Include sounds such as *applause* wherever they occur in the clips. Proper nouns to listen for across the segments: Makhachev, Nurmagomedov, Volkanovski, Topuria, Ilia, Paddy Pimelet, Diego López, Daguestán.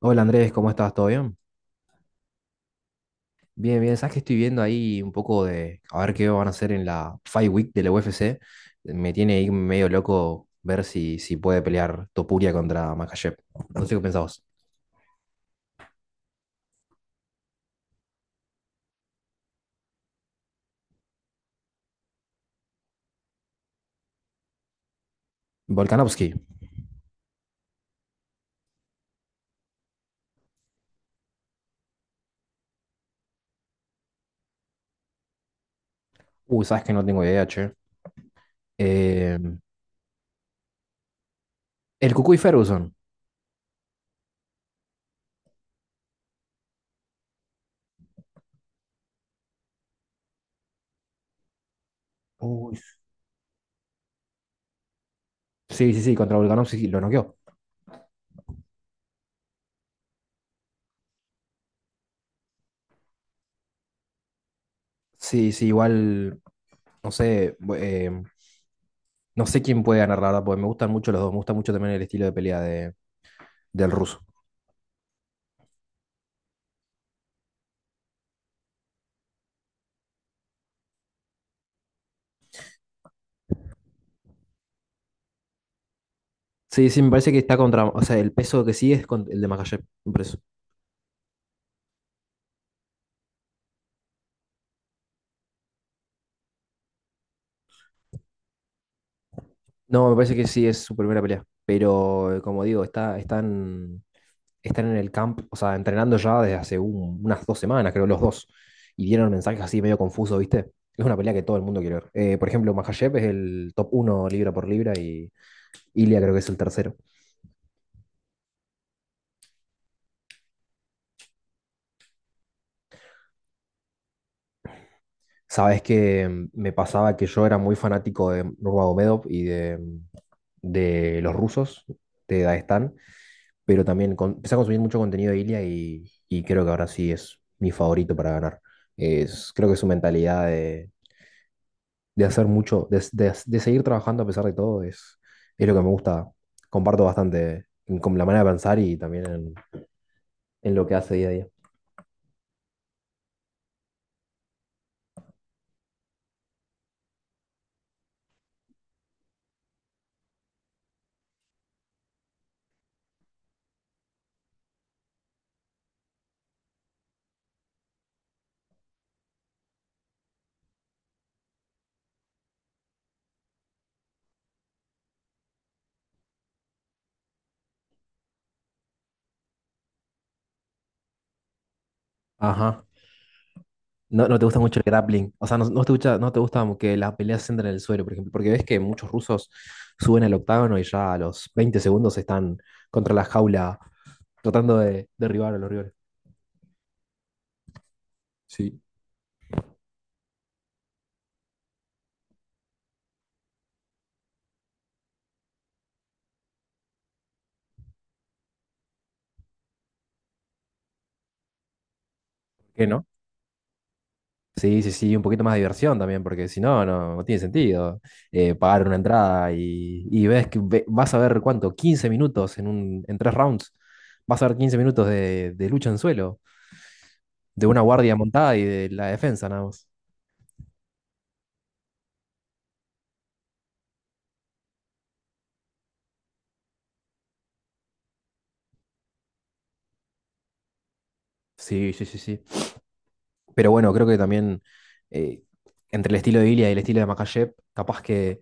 Hola Andrés, ¿cómo estás? ¿Todo bien? Bien, bien. Sabes que estoy viendo ahí un poco de a ver qué van a hacer en la Fight Week de la UFC. Me tiene ahí medio loco ver si puede pelear Topuria contra Makhachev. No sé qué pensabas. Volkanovski. Uy, sabes que no tengo idea, che. Eh, el Cucuy Ferguson. Uy. Sí, sí, sí, contra Volkanovski lo noqueó. Sí, sí, igual, no sé, no sé quién puede ganar, la verdad, porque me gustan mucho los dos. Me gusta mucho también el estilo de pelea del ruso. Sí, sí, me parece que está contra. O sea, el peso que sí es el de Makhachev, me parece. No, me parece que sí es su primera pelea. Pero, como digo, están en el camp, o sea, entrenando ya desde hace unas 2 semanas, creo, los dos. Y dieron mensajes así medio confusos, ¿viste? Es una pelea que todo el mundo quiere ver. Por ejemplo, Makhachev es el top uno libra por libra y Ilia creo que es el tercero. Sabes que me pasaba que yo era muy fanático de Nurmagomedov y de los rusos, de Daguestán. Pero también empecé a consumir mucho contenido de Ilia y creo que ahora sí es mi favorito para ganar. Creo que su mentalidad de hacer mucho, de seguir trabajando a pesar de todo, es lo que me gusta. Comparto bastante con la manera de pensar y también en lo que hace día a día. Ajá. No, no te gusta mucho el grappling. O sea, no, no te gusta, no te gusta que las peleas se entren en el suelo, por ejemplo, porque ves que muchos rusos suben al octágono y ya a los 20 segundos están contra la jaula tratando de derribar a los rivales. Sí. ¿Qué no? Sí, sí, sí, un poquito más de diversión también, porque si no, no, no tiene sentido pagar una entrada y ves que vas a ver cuánto, 15 minutos en en 3 rounds, vas a ver 15 minutos de lucha en suelo, de una guardia montada y de la defensa nada más. Sí, sí, sí, sí. Pero bueno, creo que también eh, entre el estilo de Ilia y el estilo de Makhachev, capaz que.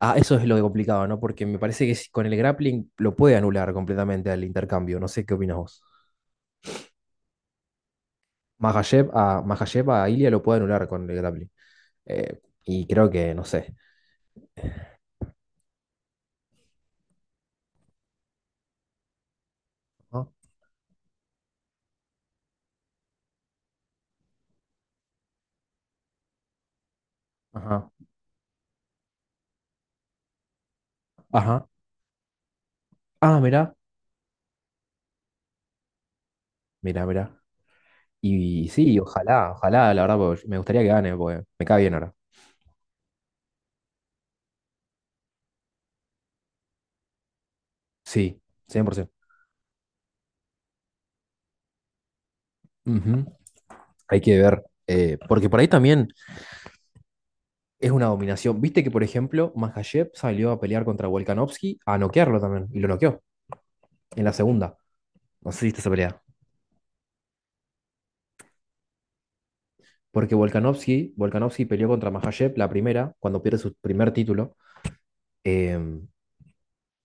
Ah, eso es lo de complicado, ¿no? Porque me parece que con el grappling lo puede anular completamente al intercambio. No sé qué opinas vos. Makhachev a Ilia lo puede anular con el grappling. Y creo que, no sé. ¿No? Ajá, ajá. Ah, mirá, mirá, mirá. Y, sí, ojalá, ojalá, la verdad, porque me gustaría que gane, porque me cae bien ahora. Sí, 100%. Ujú. Hay que ver. Porque por ahí también es una dominación. Viste que, por ejemplo, Makhachev salió a pelear contra Volkanovski a noquearlo también, y lo noqueó en la segunda. No sé si viste esa pelea. Porque Volkanovski peleó contra Makhachev la primera, cuando pierde su primer título. eh,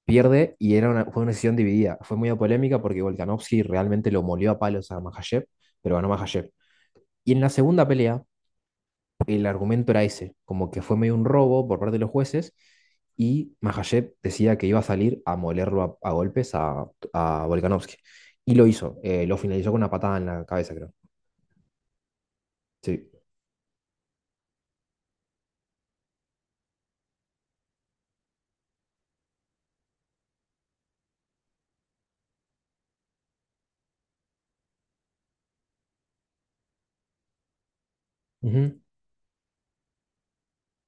Pierde y era fue una decisión dividida. Fue muy polémica porque Volkanovski realmente lo molió a palos a Makhachev, pero ganó Makhachev. Y en la segunda pelea, el argumento era ese, como que fue medio un robo por parte de los jueces y Makhachev decía que iba a salir a molerlo a golpes a Volkanovski. Y lo hizo, lo finalizó con una patada en la cabeza, creo. Sí. Ujú.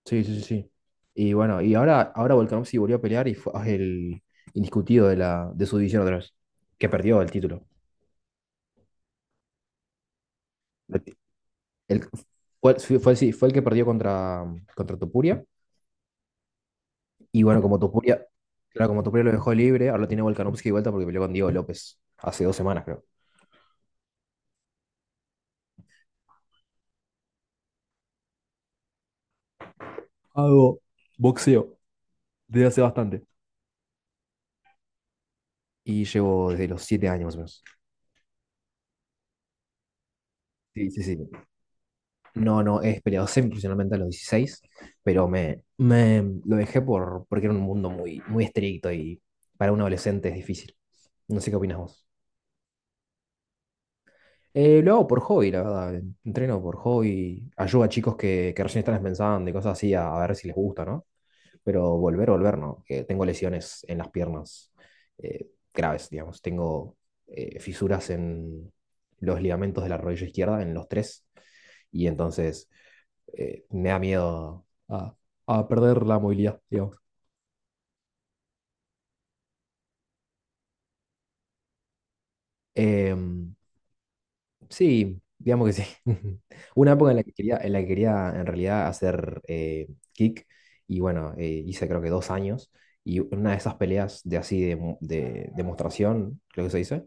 Sí, sí, sí, sí. Y bueno, y ahora Volkanovski volvió a pelear y fue el indiscutido de su división otra vez, que perdió el título. El, sí, sí, fue el que perdió contra Topuria. Y bueno, como Topuria, claro, como Topuria lo dejó libre, ahora lo tiene Volkanovski de vuelta porque peleó con Diego López hace 2 semanas, creo. Hago boxeo desde hace bastante. Y llevo desde los 7 años más o menos. Sí, sí, sí. No, no, he peleado semiprofesionalmente a los 16 pero me lo dejé porque era un mundo muy, muy estricto y para un adolescente es difícil. No sé qué opinas vos. Lo hago por hobby, la verdad. Entreno por hobby. Ayudo a chicos que recién están empezando y cosas así a ver si les gusta, ¿no? Pero volver, volver, ¿no? Que tengo lesiones en las piernas eh, graves, digamos. Tengo fisuras en los ligamentos de la rodilla izquierda, en los tres. Y entonces me da miedo a perder la movilidad, digamos. Em, Sí, digamos que sí. *laughs* Una época en la que quería, en la que quería en realidad hacer kick y bueno, hice creo que 2 años y una de esas peleas de así de demostración, creo que se dice,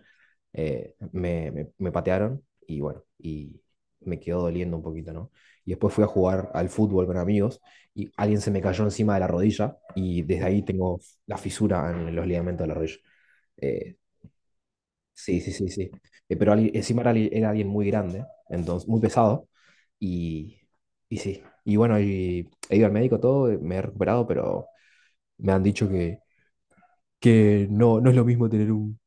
me patearon y bueno, y me quedó doliendo un poquito, ¿no? Y después fui a jugar al fútbol con amigos y alguien se me cayó encima de la rodilla y desde ahí tengo la fisura en los ligamentos de la rodilla. Eh, Sí, sí, sí, sí. Pero encima era alguien muy grande, entonces muy pesado. Y, y sí. Y bueno, y he ido al médico todo, me he recuperado, pero me han dicho que no, no es lo mismo tener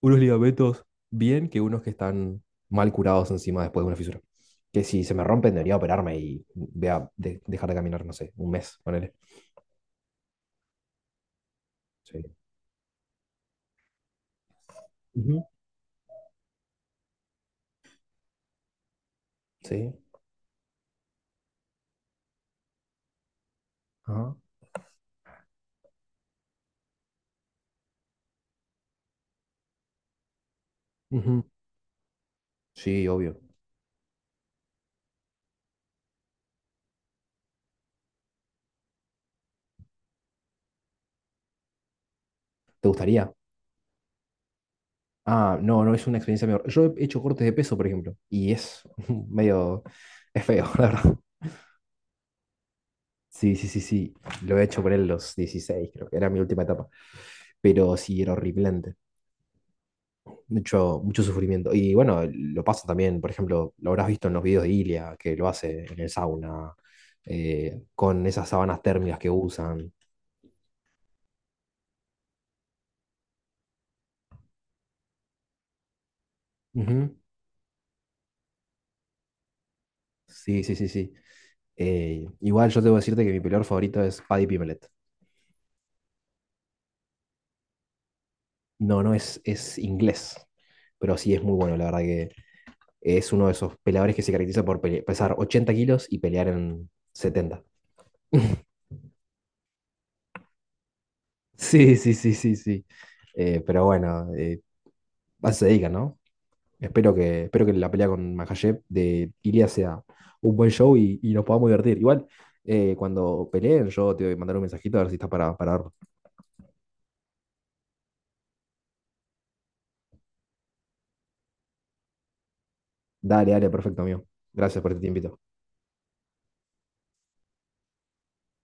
unos ligamentos bien que unos que están mal curados encima después de una fisura. Que si se me rompen debería operarme y dejar de caminar, no sé, un mes, ponele. Sí. Ujú. Sí. Ajá. Ujú. Sí, obvio. ¿Te gustaría? Ah, no, no es una experiencia mejor. Yo he hecho cortes de peso, por ejemplo, y es *laughs* medio, es feo, *laughs* la verdad. Sí, sí, sí, sí. Lo he hecho por él los 16, creo que era mi última etapa. Pero sí, era horripilante. Mucho, mucho sufrimiento. Y bueno, lo pasa también, por ejemplo, lo habrás visto en los videos de Ilia, que lo hace en el sauna, con esas sábanas térmicas que usan. Ujú. Sí, sí, sí, sí. Igual yo debo decirte que mi peleador favorito es Paddy Pimelet. No, no es inglés, pero sí es muy bueno, la verdad que es uno de esos peleadores que se caracteriza por pesar 80 kilos y pelear en 70. Sí, sí, sí, sí, sí. Pero bueno, a eso se dedican, ¿no? Espero que la pelea con Makhachev de Ilia sea un buen show y nos podamos divertir. Igual, cuando peleen, yo te voy a mandar un mensajito a ver si estás para verlo. Dale, dale, perfecto, amigo. Gracias por este tiempito.